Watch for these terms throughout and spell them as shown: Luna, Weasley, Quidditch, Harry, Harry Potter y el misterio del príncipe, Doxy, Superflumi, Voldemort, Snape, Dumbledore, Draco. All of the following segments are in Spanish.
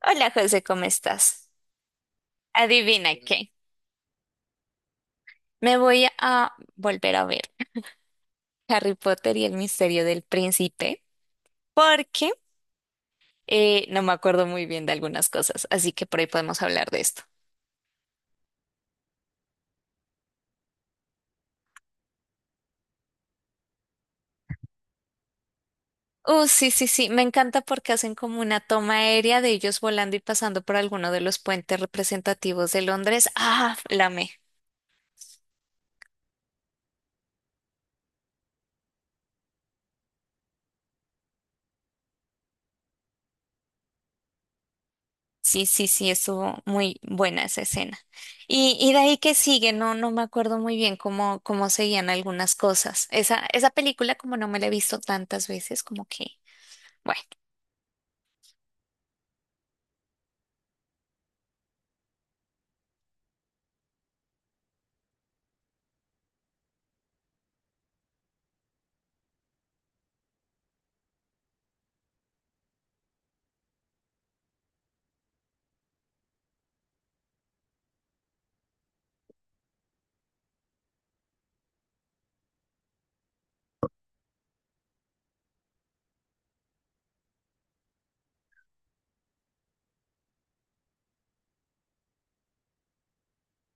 Hola José, ¿cómo estás? Adivina qué. Me voy a volver a ver Harry Potter y el misterio del príncipe porque no me acuerdo muy bien de algunas cosas, así que por ahí podemos hablar de esto. Sí, sí, sí, me encanta porque hacen como una toma aérea de ellos volando y pasando por alguno de los puentes representativos de Londres. Ah, la amé. Sí, sí, sí, estuvo muy buena esa escena. Y de ahí que sigue, no, no me acuerdo muy bien cómo, cómo seguían algunas cosas. Esa película, como no me la he visto tantas veces, como que, bueno.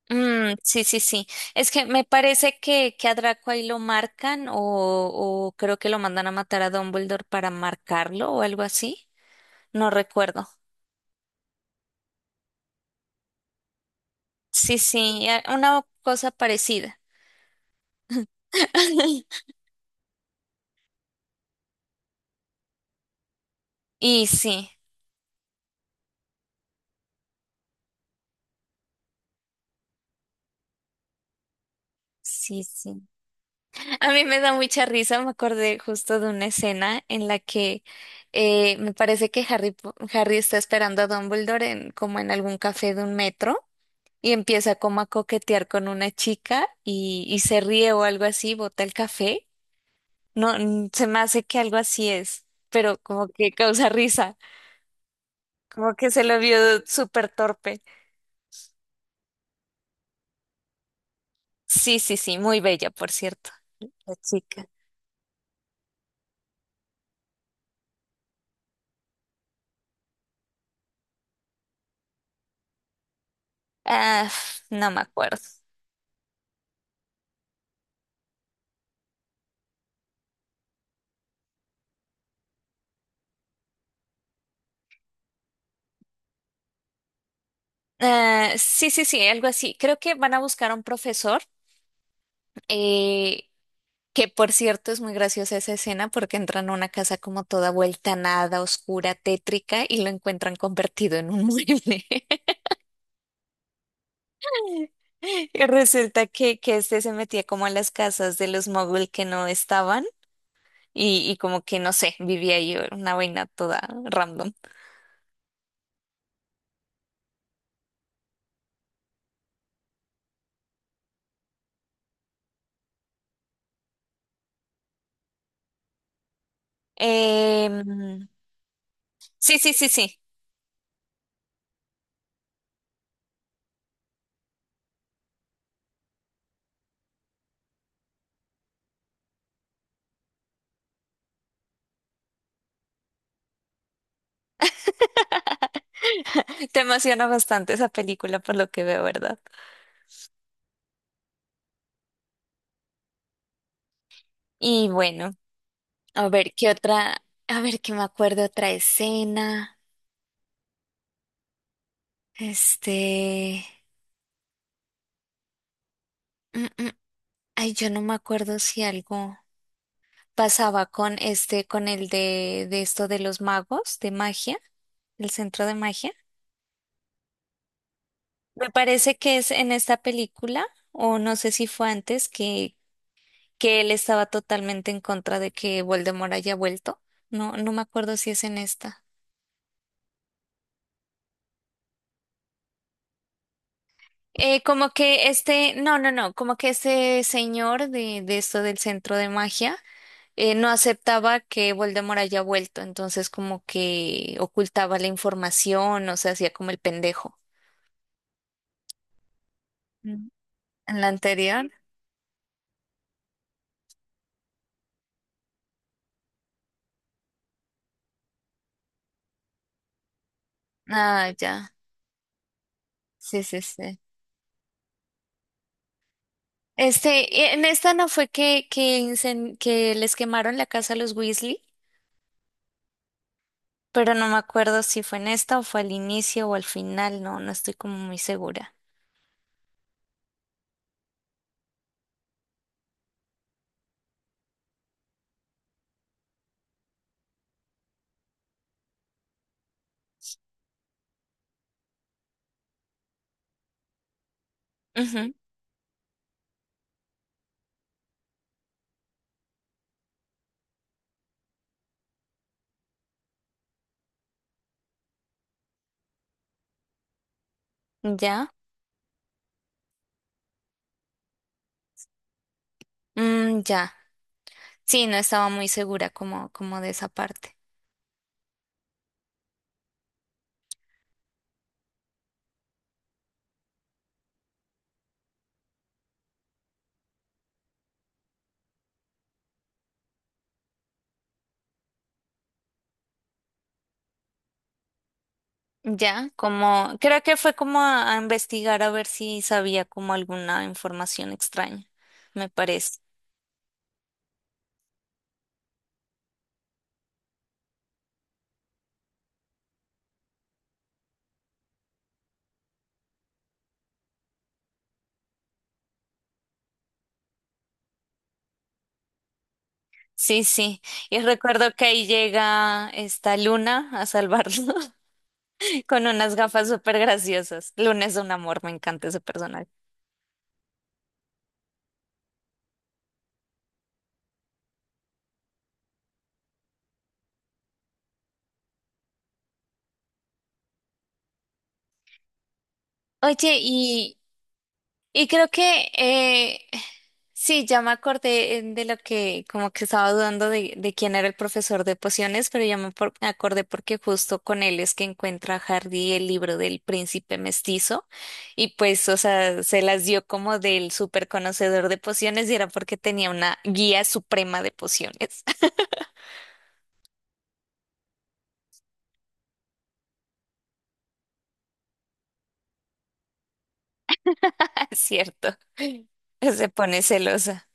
Mm, sí, sí, sí. Es que me parece que a Draco ahí lo marcan o creo que lo mandan a matar a Dumbledore para marcarlo o algo así. No recuerdo. Sí, sí, una cosa parecida. Y sí, sí, sí. A mí me da mucha risa, me acordé justo de una escena en la que me parece que Harry está esperando a Dumbledore en, como en algún café de un metro y empieza como a coquetear con una chica y se ríe o algo así, bota el café. No, mm, se me hace que algo así es, pero como que causa risa, como que se lo vio súper torpe. Sí, sí, sí, muy bella, por cierto, la chica. Ah, no me acuerdo. Ah, sí, sí, sí, algo así. Creo que van a buscar a un profesor, eh, que por cierto es muy graciosa esa escena porque entran a una casa como toda vuelta a nada, oscura, tétrica y lo encuentran convertido en un mueble. Y resulta que este se metía como a las casas de los mogul que no estaban y como que no sé, vivía ahí una vaina toda random. Em, sí, sí, sí, sí. Te emociona bastante esa película por lo que veo, ¿verdad? Y bueno. A ver, ¿qué otra? A ver, que me acuerdo otra escena. Este. Mm, mm, ay, yo no me acuerdo si algo pasaba con este, con el de esto de los magos, de magia, el centro de magia. Me parece que es en esta película, o no sé si fue antes, que él estaba totalmente en contra de que Voldemort haya vuelto. No, no me acuerdo si es en esta. Como que este, no, no, no, como que ese señor de esto del centro de magia no aceptaba que Voldemort haya vuelto, entonces como que ocultaba la información, o sea, hacía como el pendejo. Mm. ¿En la anterior? Ah, ya. Sí, sí, sí. Este, y en esta no fue que que les quemaron la casa a los Weasley, pero no me acuerdo si fue en esta o fue al inicio o al final, no, no estoy como muy segura. Ujú. ¿Ya? Mm, ya. Sí, no estaba muy segura como, como de esa parte. Ya, como, creo que fue como a investigar a ver si sabía como alguna información extraña, me parece. Sí, sí. Y recuerdo que ahí llega esta Luna a salvarlo con unas gafas súper graciosas. Luna es un amor, me encanta ese personaje. Oye, y creo que sí, ya me acordé de lo que como que estaba dudando de quién era el profesor de pociones, pero ya me acordé porque justo con él es que encuentra Hardy el libro del príncipe mestizo y pues, o sea, se las dio como del súper conocedor de pociones y era porque tenía una guía suprema de pociones, ¿cierto? Se pone celosa.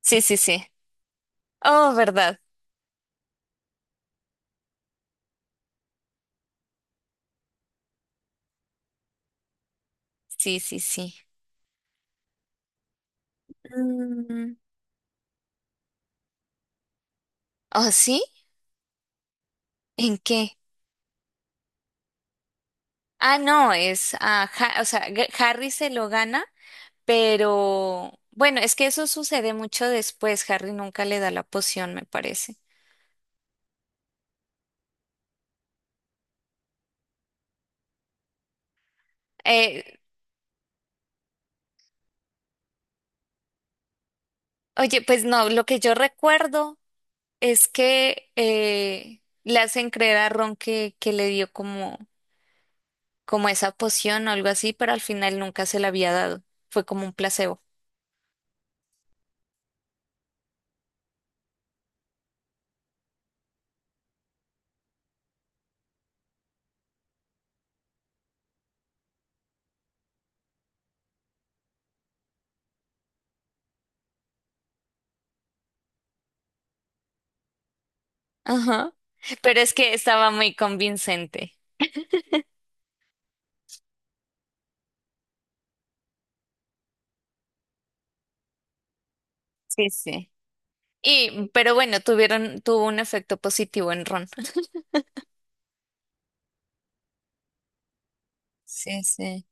Sí, sí, sí. Oh, ¿verdad? Sí, sí, sí. Mm. ¿Oh, sí? ¿En qué? Ah, no, es, ah, o sea, Harry se lo gana, pero bueno, es que eso sucede mucho después. Harry nunca le da la poción, me parece. Eh, oye, pues no, lo que yo recuerdo es que le hacen creer a Ron que le dio como, como esa poción o algo así, pero al final nunca se la había dado. Fue como un placebo. Ajá. Pero es que estaba muy convincente. Sí, sí. Y, pero bueno, tuvieron, tuvo un efecto positivo en Ron. Sí, sí.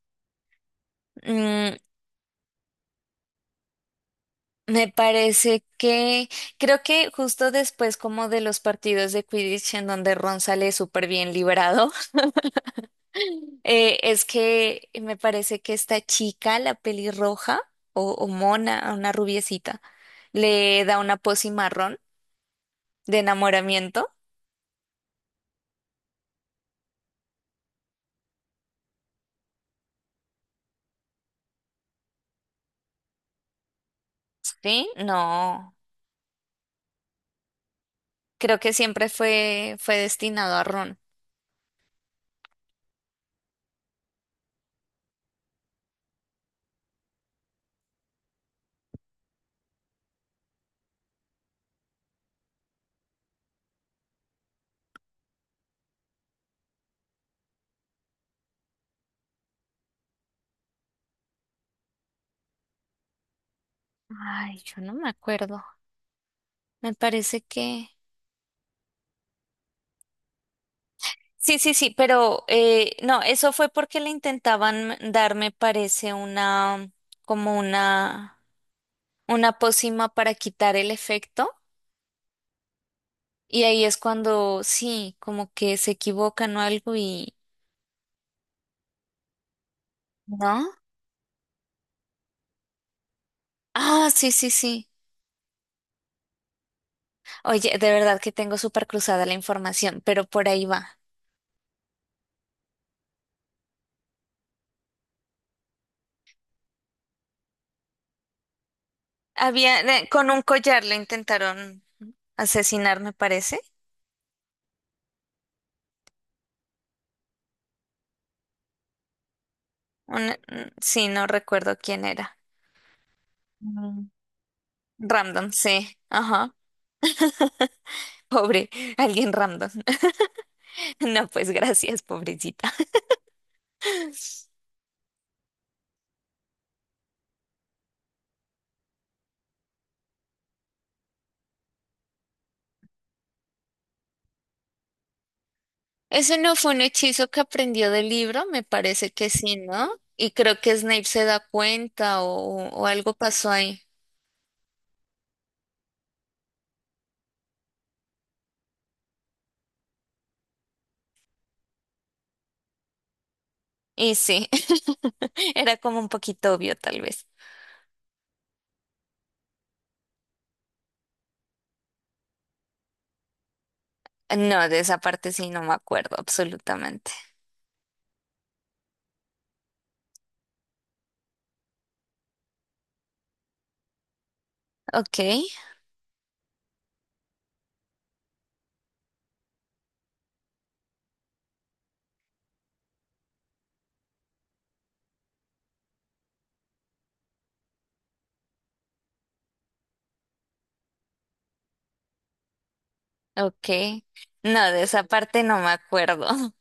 Mm, me parece que creo que justo después como de los partidos de Quidditch en donde Ron sale súper bien liberado, es que me parece que esta chica, la pelirroja o mona, una rubiecita, le da una pócima a Ron de enamoramiento. ¿Sí? No, creo que siempre fue, fue destinado a Ron. Ay, yo no me acuerdo. Me parece que... Sí, sí, sí, pero no, eso fue porque le intentaban dar, me parece, una, como una pócima para quitar el efecto. Y ahí es cuando, sí, como que se equivocan o algo y... ¿No? Ah, sí, sí, sí. Oye, de verdad que tengo súper cruzada la información, pero por ahí va. Había, con un collar le intentaron asesinar, me parece. Mm, sí, no recuerdo quién era. Mm. Random, sí. Ajá. Pobre, alguien random. No, pues gracias, pobrecita. Ese no fue un hechizo que aprendió del libro, me parece que sí, ¿no? Y creo que Snape se da cuenta o algo pasó ahí. Y sí, era como un poquito obvio, tal vez. No, de esa parte sí no me acuerdo, absolutamente. Ok, ok. No, de esa parte no me acuerdo.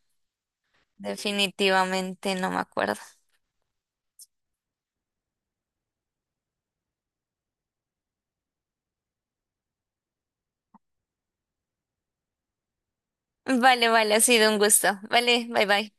Definitivamente no me acuerdo. Vale, vale, ha sido un gusto. Vale, bye bye.